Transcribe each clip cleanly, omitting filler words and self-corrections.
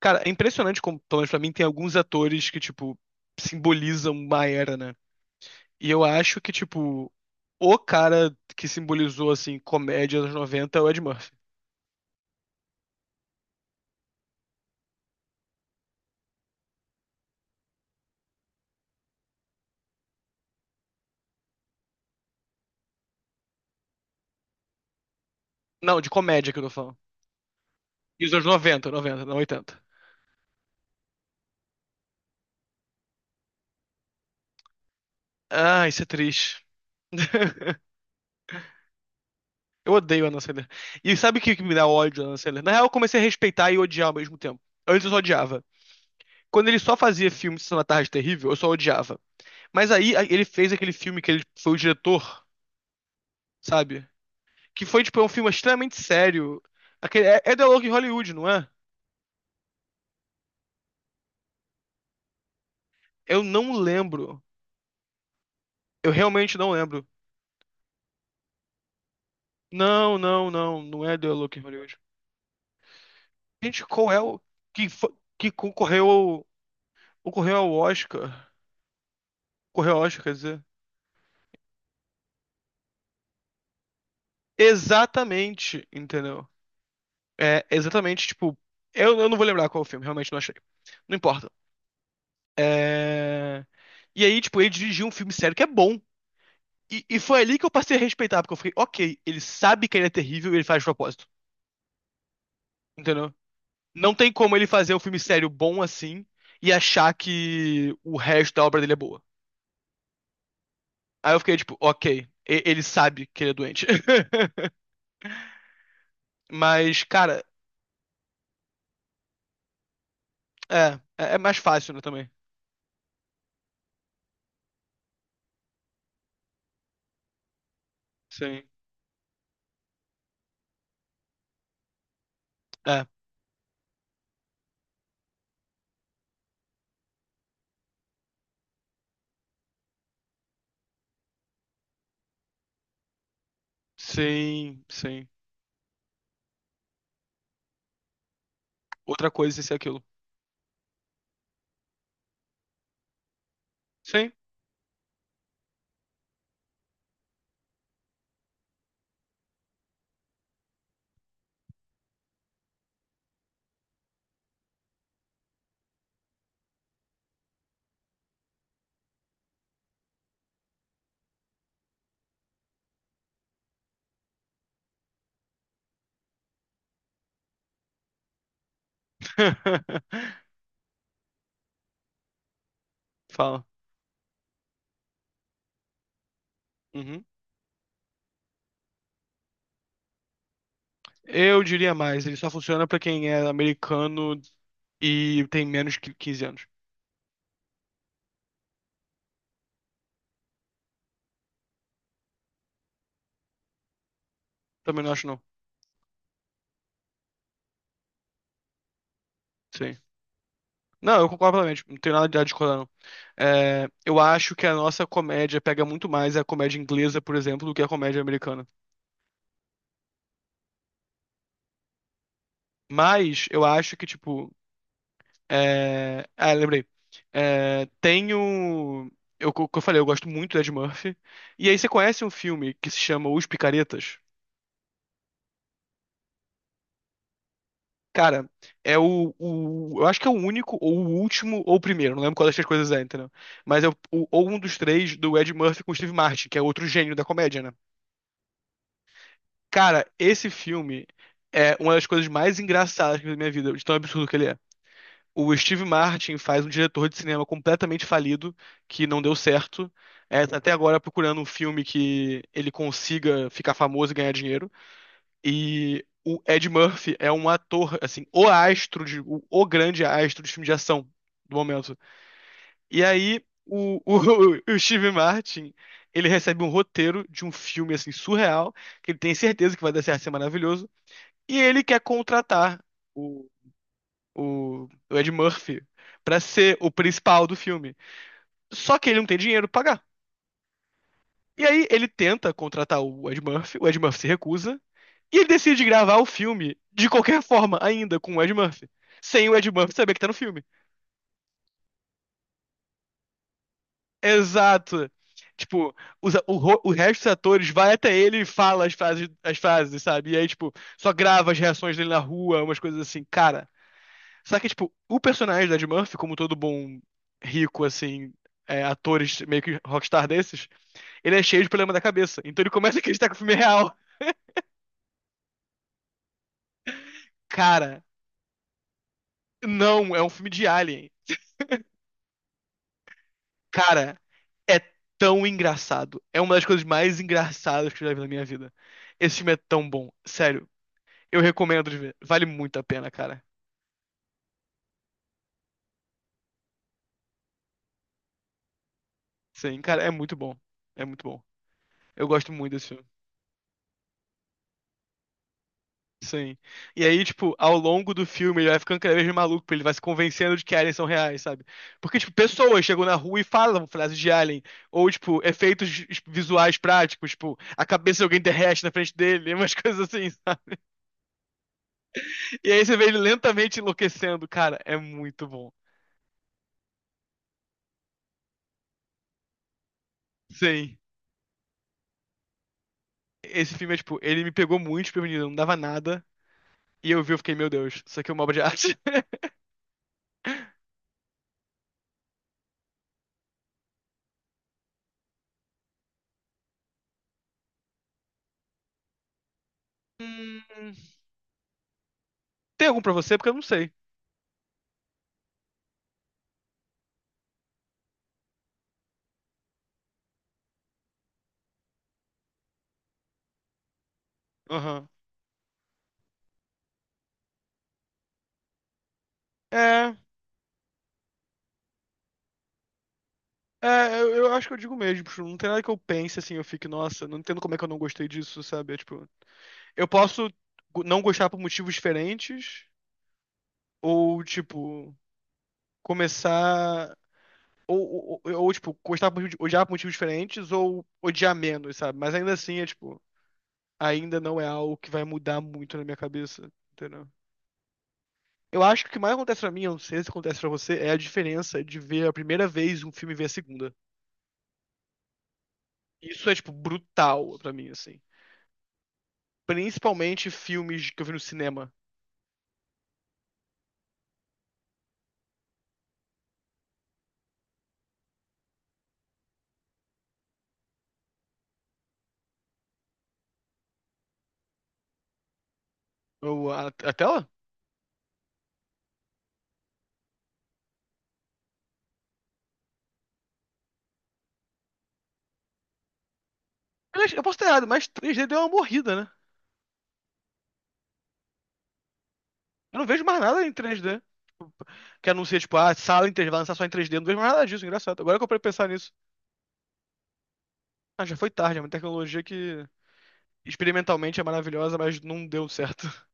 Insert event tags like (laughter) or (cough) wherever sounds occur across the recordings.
Cara, é impressionante como, pelo menos pra mim, tem alguns atores que, tipo, simbolizam uma era, né? E eu acho que, tipo, o cara que simbolizou, assim, comédia dos anos 90 é o Ed Murphy. Não, de comédia que eu tô falando. E os anos 90, 90, não 80. Ah, isso é triste. (laughs) Eu odeio a Anna Sandler. E sabe o que que me dá ódio da Anna Sandler? Na real, eu comecei a respeitar e odiar ao mesmo tempo. Antes eu só odiava. Quando ele só fazia filme de Sessão da Tarde Terrível, eu só odiava. Mas aí ele fez aquele filme que ele foi o diretor, sabe? Que foi, tipo, é um filme extremamente sério. Aquele, é The Log Hollywood, não é? Eu não lembro. Eu realmente não lembro. Não, não, não. Não é The Log Hollywood. Gente, qual é o... Que, que concorreu ao... Concorreu ao Oscar. Correu ao Oscar, quer dizer. Exatamente, entendeu? É, exatamente, tipo... Eu não vou lembrar qual é o filme, realmente não achei. Não importa. É... E aí, tipo, ele dirigiu um filme sério que é bom. E foi ali que eu passei a respeitar, porque eu fiquei, ok, ele sabe que ele é terrível e ele faz de propósito. Entendeu? Não tem como ele fazer um filme sério bom assim e achar que o resto da obra dele é boa. Aí eu fiquei tipo, ok, ele sabe que ele é doente. (laughs) Mas, cara, é mais fácil, né, também. Sim, é, sim, sim. Outra coisa, isso e aquilo. Sim. (laughs) Fala. Uhum. Eu diria mais, ele só funciona pra quem é americano e tem menos que 15 anos. Também não acho, não. Sim. Não, eu concordo plenamente, não tenho nada de discordar, não. É, eu acho que a nossa comédia pega muito mais a comédia inglesa, por exemplo, do que a comédia americana. Mas eu acho que, tipo. Ah, lembrei. É, tenho. Que eu falei, eu gosto muito do Ed Murphy. E aí você conhece um filme que se chama Os Picaretas? Cara, é o. Eu acho que é o único, ou o último, ou o primeiro. Não lembro qual das três coisas é, entendeu? Mas é ou um dos três do Ed Murphy com o Steve Martin, que é outro gênio da comédia, né? Cara, esse filme é uma das coisas mais engraçadas que eu vi na minha vida, de tão absurdo que ele é. O Steve Martin faz um diretor de cinema completamente falido, que não deu certo. É, tá até agora procurando um filme que ele consiga ficar famoso e ganhar dinheiro. E o Ed Murphy é um ator, assim, o astro, de, o grande astro de filme de ação do momento. E aí, (laughs) o Steve Martin, ele recebe um roteiro de um filme, assim, surreal, que ele tem certeza que vai dar certo, ser maravilhoso. E ele quer contratar o, o Ed Murphy pra ser o principal do filme. Só que ele não tem dinheiro pra pagar. E aí ele tenta contratar o Ed Murphy se recusa, e ele decide gravar o filme de qualquer (laughs) forma, ainda com o Ed Murphy. Sem o Ed Murphy saber que tá no filme. Exato. Tipo, o resto dos atores vai até ele e fala as frases, sabe? E aí, tipo, só grava as reações dele na rua, umas coisas assim. Cara, só que, tipo, o personagem do Ed Murphy, como todo bom rico, assim, atores meio que rockstar desses, ele é cheio de problema da cabeça. Então ele começa a acreditar que o filme é real. Cara, não, é um filme de Alien. Cara, é tão engraçado. É uma das coisas mais engraçadas que eu já vi na minha vida. Esse filme é tão bom. Sério, eu recomendo de ver. Vale muito a pena, cara. Sim, cara, é muito bom. É muito bom. Eu gosto muito desse filme. Sim. E aí, tipo, ao longo do filme, ele vai ficando cada vez mais maluco, porque ele vai se convencendo de que aliens são reais, sabe? Porque, tipo, pessoas chegam na rua e falam frases de alien, ou, tipo, efeitos visuais práticos, tipo, a cabeça de alguém derrete na frente dele, (laughs) umas coisas assim, sabe? E aí você vê ele lentamente enlouquecendo, cara, é muito bom. Sim. Esse filme é, tipo, ele me pegou muito desprevenido, não dava nada, e eu vi, eu fiquei, meu Deus, isso aqui é uma obra de arte. (laughs) Hum, Tem algum pra você? Porque eu não sei. Aham. É. É, eu acho que eu digo mesmo, tipo, não tem nada que eu pense assim, eu fique, nossa, não entendo como é que eu não gostei disso, sabe? É, tipo, eu posso não gostar por motivos diferentes, ou, tipo, começar. Ou, tipo, gostar por, odiar por motivos diferentes, ou odiar menos, sabe? Mas ainda assim, é, tipo, ainda não é algo que vai mudar muito na minha cabeça, entendeu? Eu acho que o que mais acontece pra mim, eu não sei se acontece pra você, é a diferença de ver a primeira vez um filme e ver a segunda. Isso é, tipo, brutal pra mim, assim. Principalmente filmes que eu vi no cinema. A tela? Aliás, eu posso ter errado, mas 3D deu uma morrida, né? Eu não vejo mais nada em 3D. Que anuncia, tipo, ah, sala em 3D, vai lançar só em 3D. Eu não vejo mais nada disso, engraçado. Agora que eu parei pra pensar nisso. Ah, já foi tarde, é uma tecnologia que experimentalmente é maravilhosa, mas não deu certo. (laughs)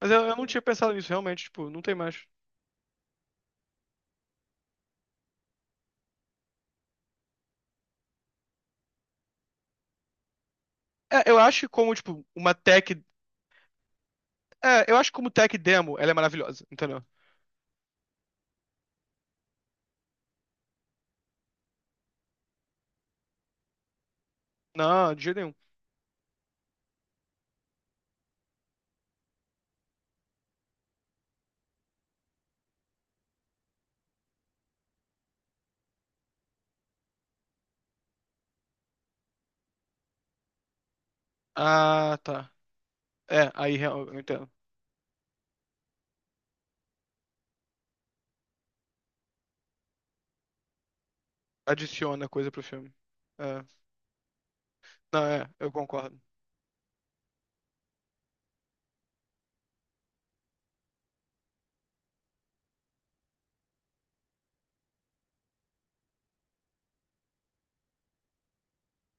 Mas eu não tinha pensado nisso, realmente, tipo, não tem mais. É, eu acho que como, tipo, uma tech. É, eu acho que como tech demo, ela é maravilhosa, entendeu? Não, de jeito nenhum. Ah, tá. É, aí eu entendo. Adiciona coisa pro filme. É. Não, eu concordo.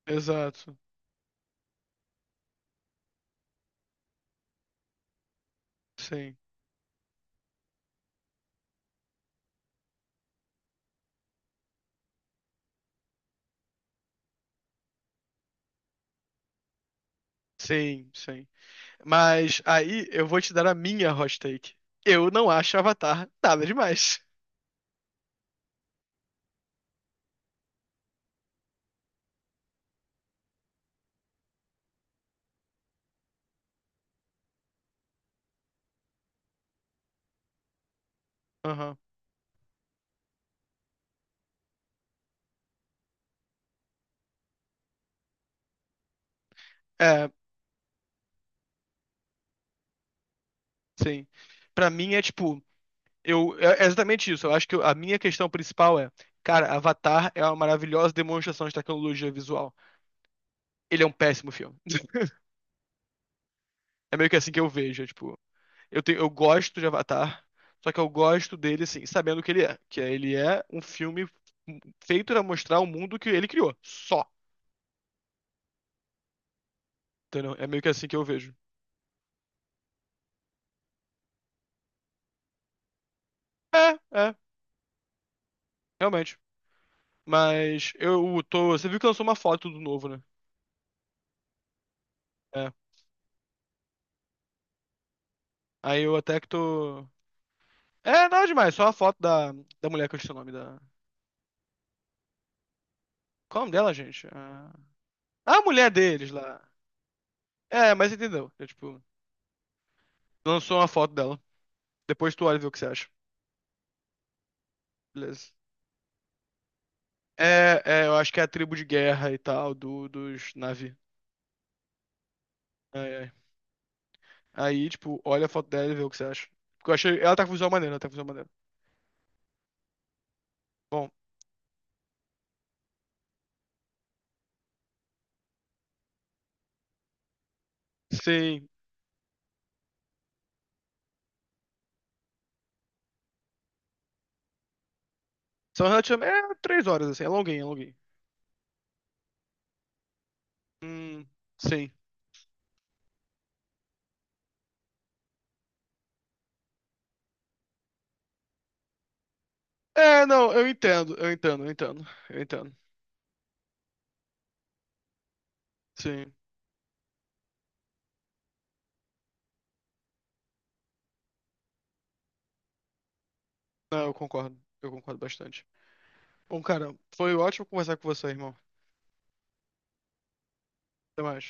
Exato. Sim. Sim, sim. Mas aí eu vou te dar a minha hot take. Eu não acho Avatar nada demais. Aham. É, sim. Pra mim é tipo, é exatamente isso. Eu acho que a minha questão principal é, cara, Avatar é uma maravilhosa demonstração de tecnologia visual. Ele é um péssimo filme. É meio que assim que eu vejo, tipo. Eu gosto de Avatar, só que eu gosto dele, assim, sabendo o que ele é. Que é, ele é um filme feito pra mostrar o mundo que ele criou. Só. Entendeu? É meio que assim que eu vejo. É, é, realmente. Mas eu tô. Você viu que lançou uma foto do novo, né? É. Aí eu até que tô. É, nada demais, só a foto da mulher que eu esqueci o nome da. Qual é o nome dela, gente? A mulher deles lá. É, mas entendeu. É, tipo, lançou uma foto dela. Depois tu olha e vê o que você acha. Beleza. É, eu acho que é a tribo de guerra e tal, dos Na'vi. Ai, ai. Aí, tipo, olha a foto dela e vê o que você acha. Porque eu achei. Ela tá com visual maneiro, ela tá com visual maneiro. Bom, sim. São relativamente. É 3 horas, assim, é longuinho, é longuinho. Hum, sim. É, não, eu entendo, eu entendo, eu entendo, eu entendo. Sim. Não, eu concordo bastante. Bom, cara, foi ótimo conversar com você, irmão. Até mais.